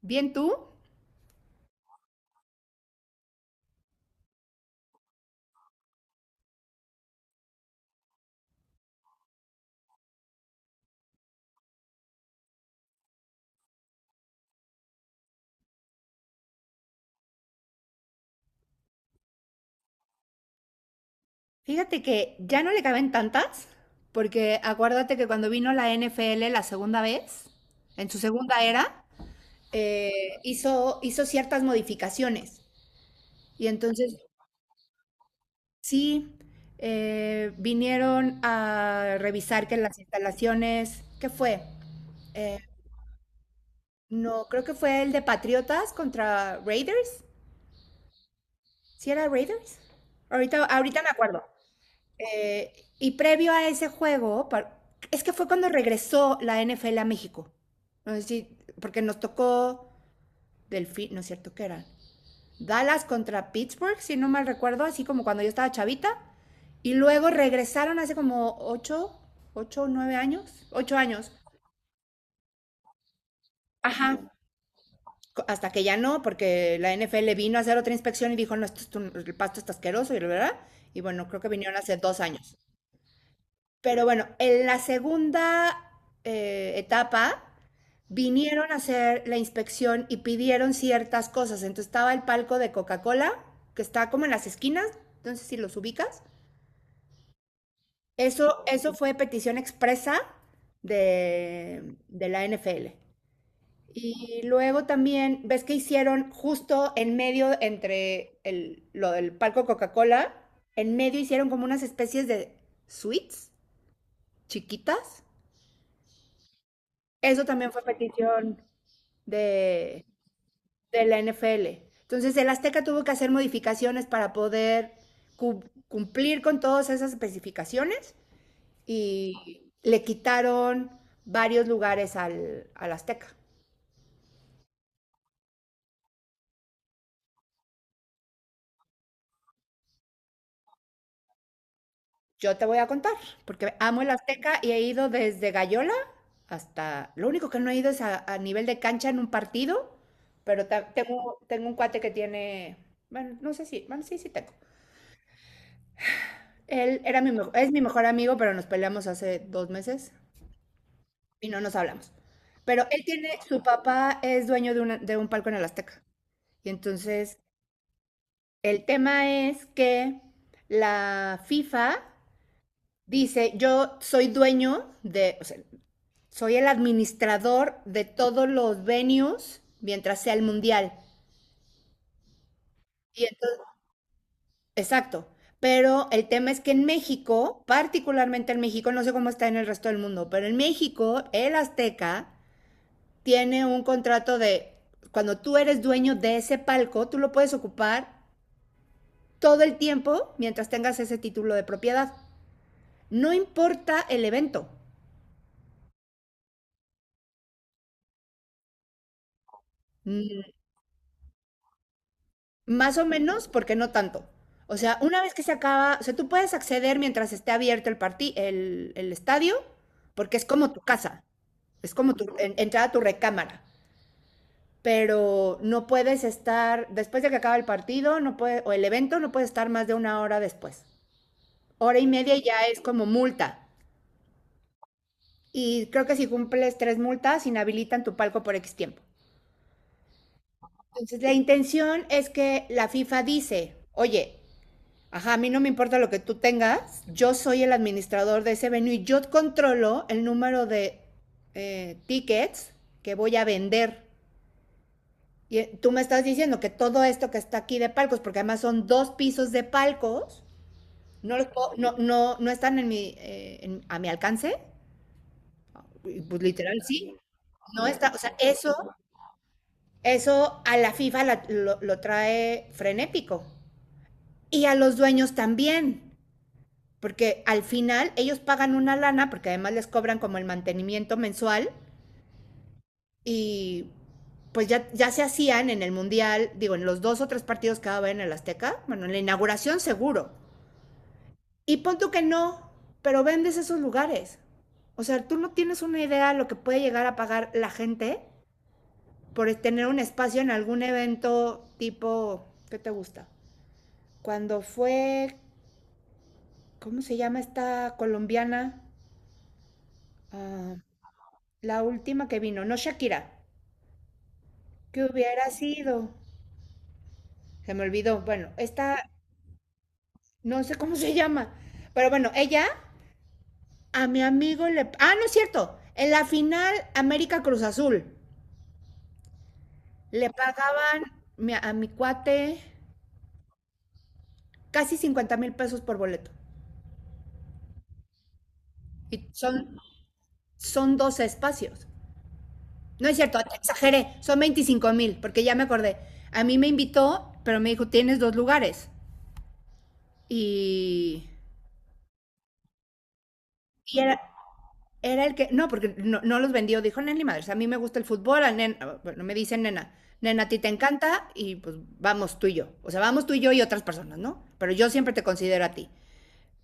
Bien tú, fíjate que ya no le caben tantas, porque acuérdate que cuando vino la NFL la segunda vez, en su segunda era, eh, hizo ciertas modificaciones. Y entonces sí, vinieron a revisar que las instalaciones, ¿qué fue? Eh, no, creo que fue el de Patriotas contra Raiders. ¿Sí era Raiders? Ahorita, ahorita me acuerdo. Eh, y previo a ese juego, es que fue cuando regresó la NFL a México. No sé si- porque nos tocó Delfín, no es cierto que era Dallas contra Pittsburgh, si no mal recuerdo, así como cuando yo estaba chavita. Y luego regresaron hace como ocho, ocho, nueve años, ocho años. Ajá. Hasta que ya no, porque la NFL vino a hacer otra inspección y dijo, no, esto es el pasto está asqueroso, y la verdad. Y bueno, creo que vinieron hace 2 años. Pero bueno, en la segunda etapa vinieron a hacer la inspección y pidieron ciertas cosas. Entonces estaba el palco de Coca-Cola, que está como en las esquinas, entonces si los ubicas. Eso fue petición expresa de la NFL. Y luego también, ves que hicieron justo en medio entre el, lo del palco Coca-Cola, en medio hicieron como unas especies de suites chiquitas. Eso también fue petición de, de la NFL. Entonces, el Azteca tuvo que hacer modificaciones para poder cu- cumplir con todas esas especificaciones y le quitaron varios lugares al Azteca. Yo te voy a contar, porque amo el Azteca y he ido desde Gallola hasta. Lo único que no he ido es a nivel de cancha en un partido, pero tengo un cuate que tiene. Bueno, no sé si. Bueno, sí, sí tengo. Él es mi mejor amigo, pero nos peleamos hace 2 meses y no nos hablamos. Pero él tiene, su papá es dueño de un palco en el Azteca. Y entonces el tema es que la FIFA dice, yo soy dueño de, o sea, soy el administrador de todos los venues mientras sea el mundial. Y entonces, exacto. Pero el tema es que en México, particularmente en México, no sé cómo está en el resto del mundo, pero en México, el Azteca tiene un contrato de cuando tú eres dueño de ese palco, tú lo puedes ocupar todo el tiempo mientras tengas ese título de propiedad. No importa el evento. mm, Más o menos, porque no tanto. O sea, una vez que se acaba, o sea, tú puedes acceder mientras esté abierto el estadio, porque es como tu casa, es como tu entrar a tu recámara, pero no puedes estar, después de que acaba el partido, no puede, o el evento, no puedes estar más de 1 hora después. Hora y media ya es como multa. Y creo que si cumples tres multas, inhabilitan tu palco por X tiempo. Entonces, la intención es que la FIFA dice, oye, ajá, a mí no me importa lo que tú tengas, yo soy el administrador de ese venue y yo controlo el número de tickets que voy a vender. Y tú me estás diciendo que todo esto que está aquí de palcos, porque además son dos pisos de palcos, no, no, no, no están en mi, a mi alcance. Pues literal, sí. No está, o sea, eso a la FIFA lo trae frenético. Y a los dueños también, porque al final ellos pagan una lana, porque además les cobran como el mantenimiento mensual, y pues ya, ya se hacían en el Mundial, digo, en los dos o tres partidos que va en el Azteca, bueno, en la inauguración seguro. Y pon tú que no, pero vendes esos lugares. O sea, tú no tienes una idea de lo que puede llegar a pagar la gente por tener un espacio en algún evento tipo, ¿qué te gusta? Cuando fue, ¿cómo se llama esta colombiana? Ah, la última que vino, no Shakira, que hubiera sido, se me olvidó, bueno, esta, no sé cómo se llama, pero bueno, ella a mi amigo le, ah, no es cierto, en la final América Cruz Azul, le pagaban a mi cuate casi 50,000 pesos por boleto. Y son dos espacios. No es cierto, exageré, son 25,000, porque ya me acordé. A mí me invitó, pero me dijo, tienes dos lugares. Y, y era el que, no, porque no, no los vendió, dijo, nena, ni Madres, a mí me gusta el fútbol, a nena, bueno, me dicen nena, nena, a ti te encanta y pues vamos tú y yo. O sea, vamos tú y yo y otras personas, ¿no? Pero yo siempre te considero a ti.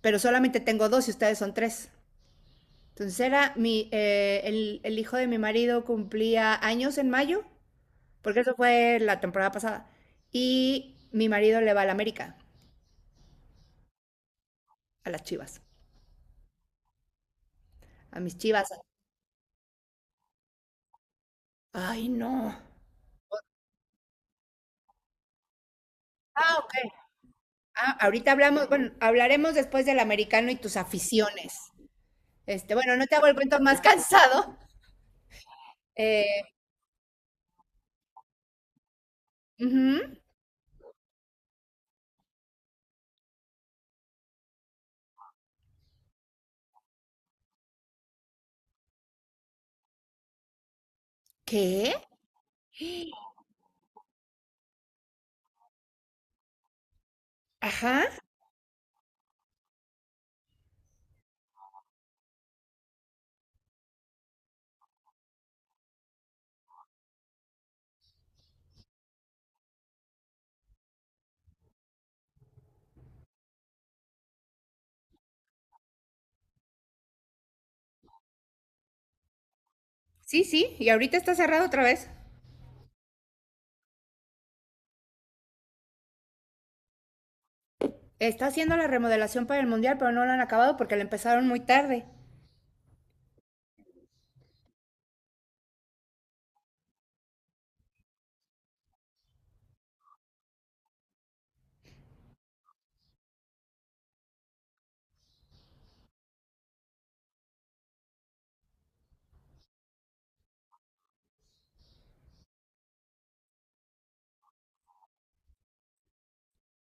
Pero solamente tengo dos y ustedes son tres. Entonces era el hijo de mi marido cumplía años en mayo. Porque eso fue la temporada pasada. Y mi marido le va al América, a las Chivas, a mis Chivas. Ay, no. Ah, ok. Ah, ahorita hablamos, bueno, hablaremos después del americano y tus aficiones. Este, bueno, no te hago el cuento más cansado. Eh, Ujú. ¿Qué? Ajá, sí, sí, y ahorita está cerrado otra vez. Está haciendo la remodelación para el mundial, pero no lo han acabado porque la empezaron muy tarde.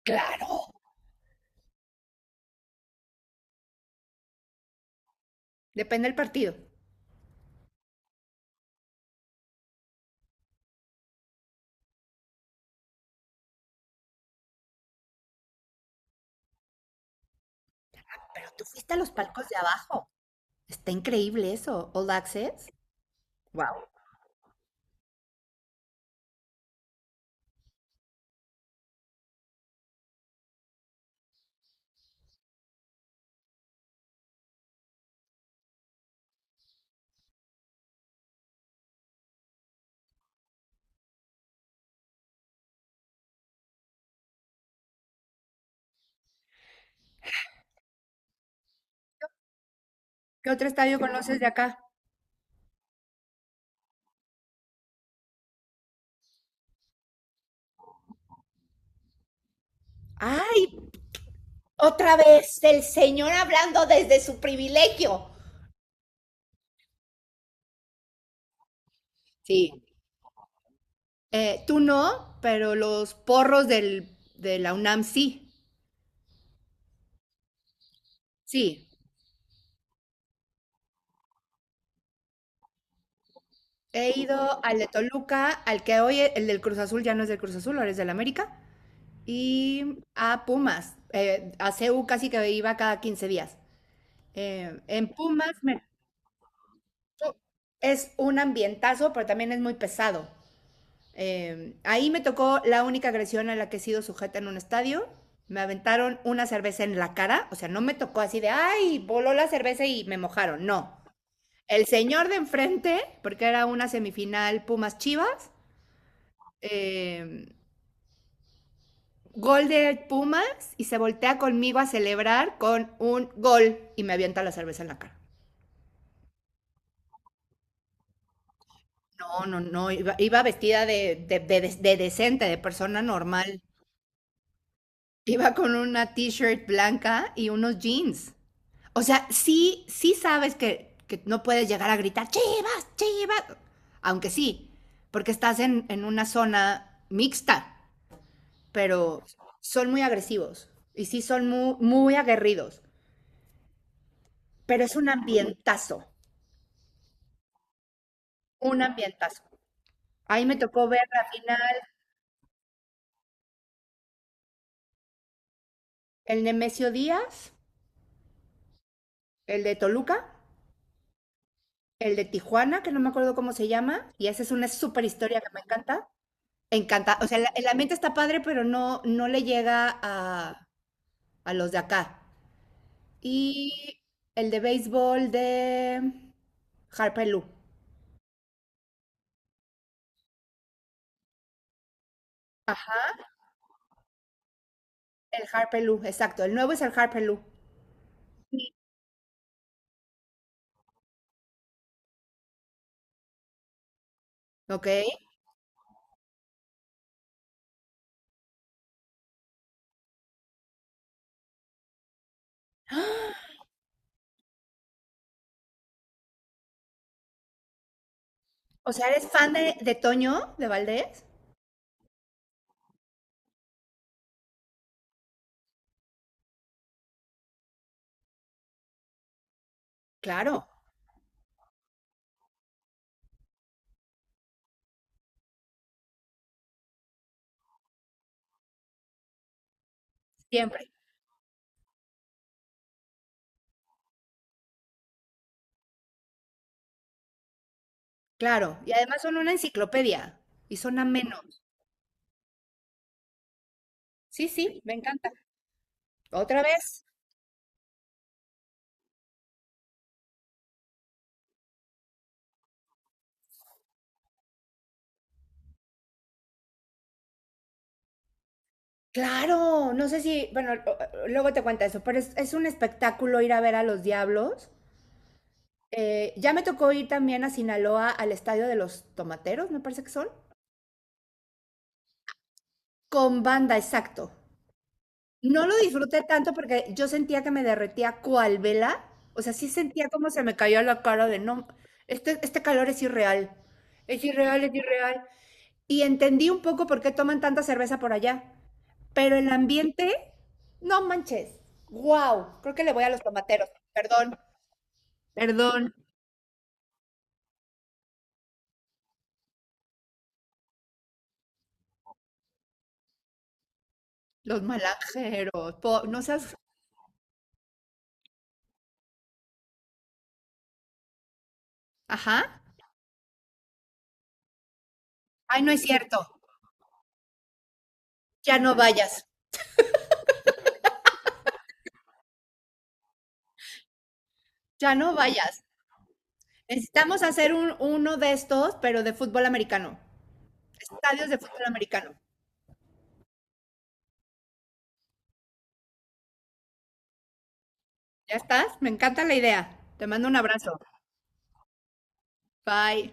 Claro. Depende del partido. Pero tú fuiste a los palcos de abajo. Está increíble eso. All Access. Wow. ¿Qué otro estadio conoces de acá? Ay, otra vez el señor hablando desde su privilegio. Sí. Tú no, pero los porros del, de la UNAM sí. Sí. He ido al de Toluca, al que hoy el del Cruz Azul ya no es del Cruz Azul, ahora es del América. Y a Pumas. A C U casi que iba cada 15 días. En Pumas es un ambientazo, pero también es muy pesado. Ahí me tocó la única agresión a la que he sido sujeta en un estadio. Me aventaron una cerveza en la cara, o sea, no me tocó así de, ay, voló la cerveza y me mojaron, no. El señor de enfrente, porque era una semifinal Pumas Chivas, eh, gol de Pumas y se voltea conmigo a celebrar con un gol y me avienta la cerveza en la cara. No, no, no, iba vestida de decente, de persona normal. Iba con una t-shirt blanca y unos jeans. O sea, sí, sí sabes que, no puedes llegar a gritar, chivas, chivas. Aunque sí, porque estás en una zona mixta, pero son muy agresivos y sí son muy, muy aguerridos, pero es un ambientazo, un ambientazo. Ahí me tocó ver la final el Nemesio Díaz, el de Toluca, el de Tijuana, que no me acuerdo cómo se llama, y esa es una súper historia que me encanta. Encanta, o sea, el ambiente está padre, pero no, no le llega a los de acá. Y el de béisbol de Harper Lou. Ajá, el Harper Lou, exacto. El nuevo es el Harper Lou. Sí. ¿Ok? ¡Ah! O sea, ¿eres fan de Toño, de Valdés? Claro, siempre. Claro. Y además son una enciclopedia y son amenos. Sí, sí, me encanta. ¿Otra vez? Claro, no sé si, bueno, luego te cuento eso, pero es un espectáculo ir a ver a los diablos. Ya me tocó ir también a Sinaloa al estadio de los Tomateros, me parece que son, con banda, exacto. No lo disfruté tanto porque yo sentía que me derretía cual vela, o sea, sí sentía como se me cayó la cara de no, este calor es irreal, es irreal, es irreal. Y entendí un poco por qué toman tanta cerveza por allá, pero el ambiente, no manches, wow, creo que le voy a los tomateros, perdón, perdón, los malanjeros, no seas, ajá. Ay, no es cierto. Ya no vayas. Ya no vayas. Necesitamos hacer un, uno de estos, pero de fútbol americano. Estadios de fútbol americano. ¿Ya estás? Me encanta la idea. Te mando un abrazo. Bye.